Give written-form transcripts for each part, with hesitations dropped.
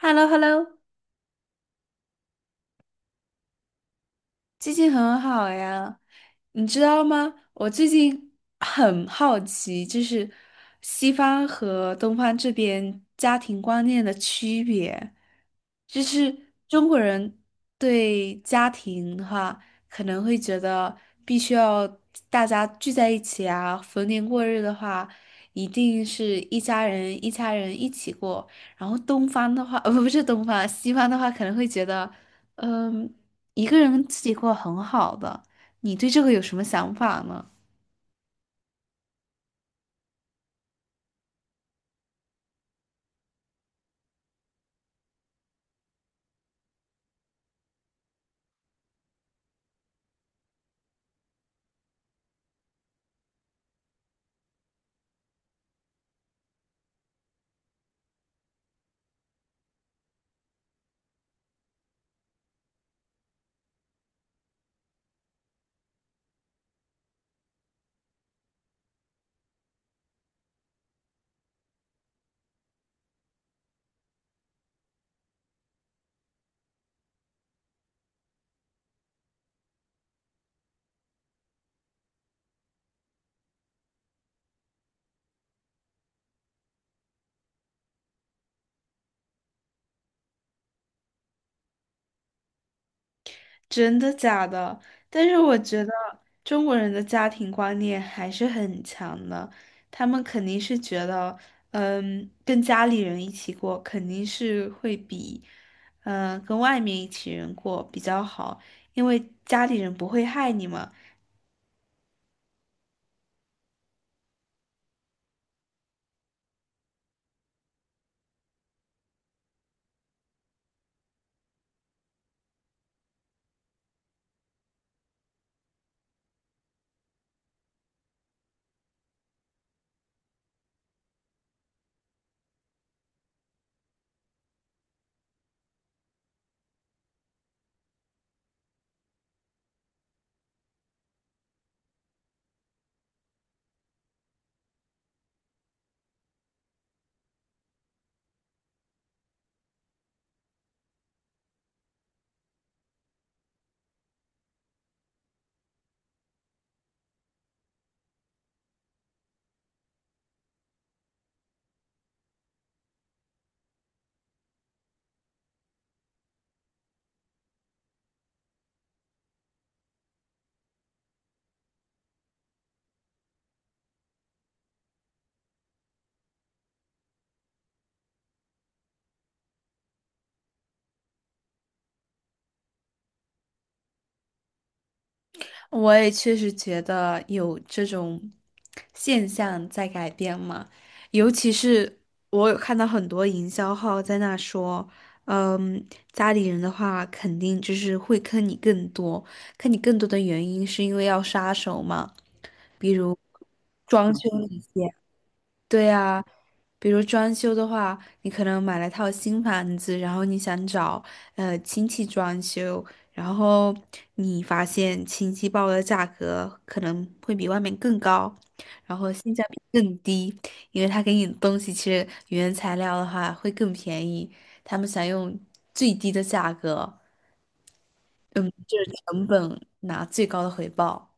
h e l l o h e l l o 最近很好呀，你知道吗？我最近很好奇，就是西方和东方这边家庭观念的区别，就是中国人对家庭的话，可能会觉得必须要大家聚在一起啊，逢年过日的话，一定是一家人一家人一起过。然后东方的话，呃，不不是东方，西方的话可能会觉得。嗯，一个人自己过很好的，你对这个有什么想法呢？真的假的？但是我觉得中国人的家庭观念还是很强的，他们肯定是觉得，嗯，跟家里人一起过肯定是会比，嗯，跟外面一起人过比较好，因为家里人不会害你嘛。我也确实觉得有这种现象在改变嘛，尤其是我有看到很多营销号在那说，嗯，家里人的话肯定就是会坑你更多，坑你更多的原因是因为要杀手嘛，比如装修一些。对呀，比如装修的话，你可能买了套新房子，然后你想找亲戚装修，然后你发现亲戚报的价格可能会比外面更高，然后性价比更低，因为他给你的东西其实原材料的话会更便宜，他们想用最低的价格，嗯，就是成本拿最高的回报。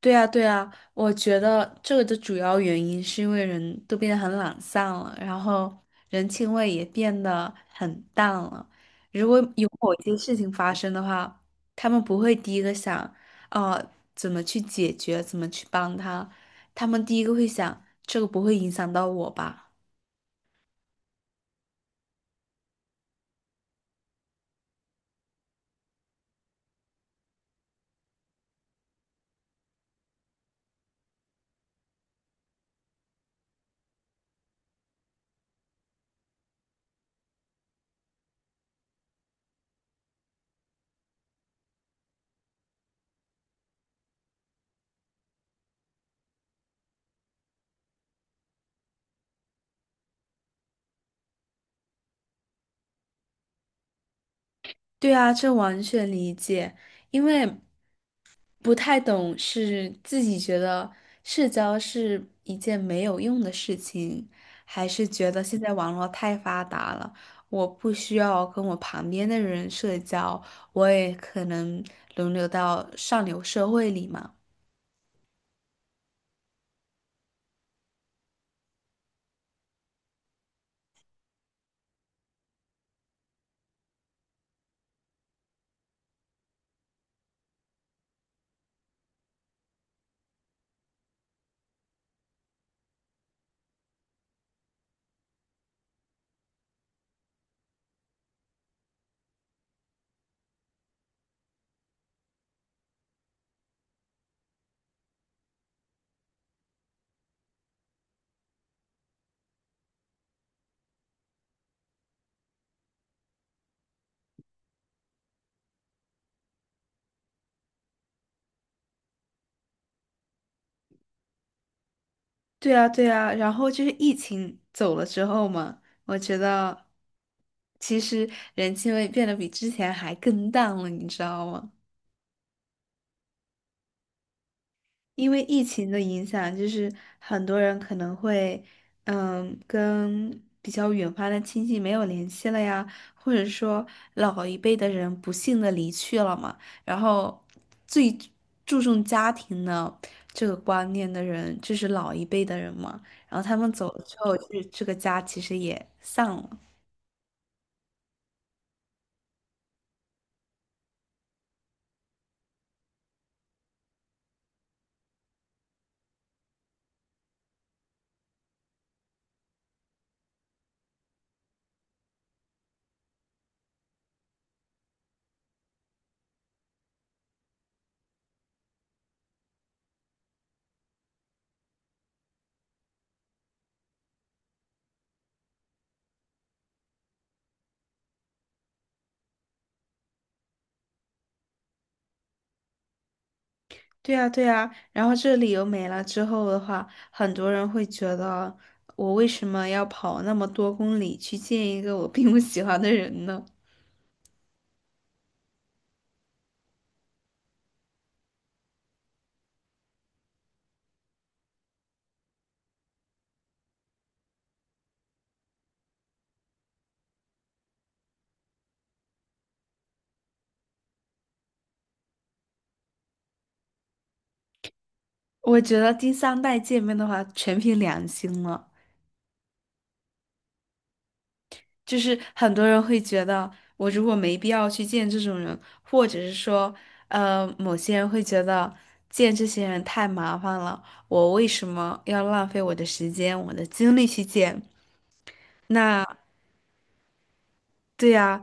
对啊，对啊，我觉得这个的主要原因是因为人都变得很懒散了，然后人情味也变得很淡了。如果有某些事情发生的话，他们不会第一个想，怎么去解决，怎么去帮他，他们第一个会想，这个不会影响到我吧？对啊，这完全理解，因为不太懂是自己觉得社交是一件没有用的事情，还是觉得现在网络太发达了，我不需要跟我旁边的人社交，我也可能轮流到上流社会里嘛。对啊，对啊，然后就是疫情走了之后嘛，我觉得其实人气味变得比之前还更淡了，你知道吗？因为疫情的影响，就是很多人可能会，嗯，跟比较远方的亲戚没有联系了呀，或者说老一辈的人不幸的离去了嘛，然后最注重家庭的这个观念的人，就是老一辈的人嘛，然后他们走了之后，就是这个家其实也散了。对呀，对呀，然后这个理由没了之后的话，很多人会觉得我为什么要跑那么多公里去见一个我并不喜欢的人呢？我觉得第三代见面的话，全凭良心了。就是很多人会觉得，我如果没必要去见这种人，或者是说，某些人会觉得见这些人太麻烦了，我为什么要浪费我的时间、我的精力去见？那对呀。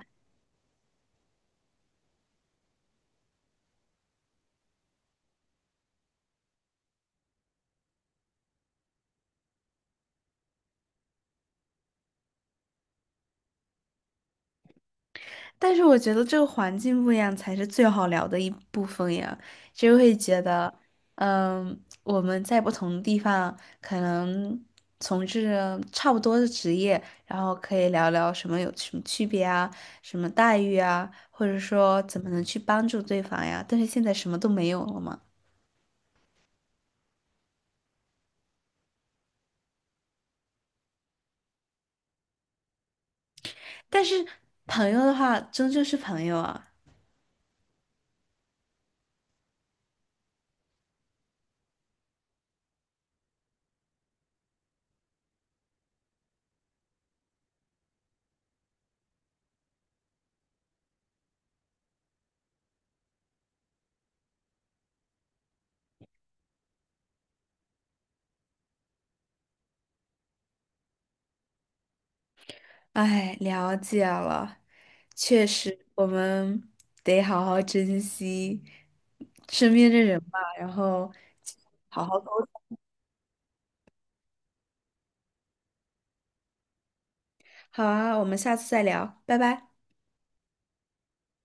但是我觉得这个环境不一样才是最好聊的一部分呀，就会觉得，嗯，我们在不同的地方可能从事着差不多的职业，然后可以聊聊什么有什么区别啊，什么待遇啊，或者说怎么能去帮助对方呀。但是现在什么都没有了嘛。但是朋友的话，终究是朋友啊。哎，了解了，确实，我们得好好珍惜身边的人吧，然后好好沟通。好啊，我们下次再聊，拜拜。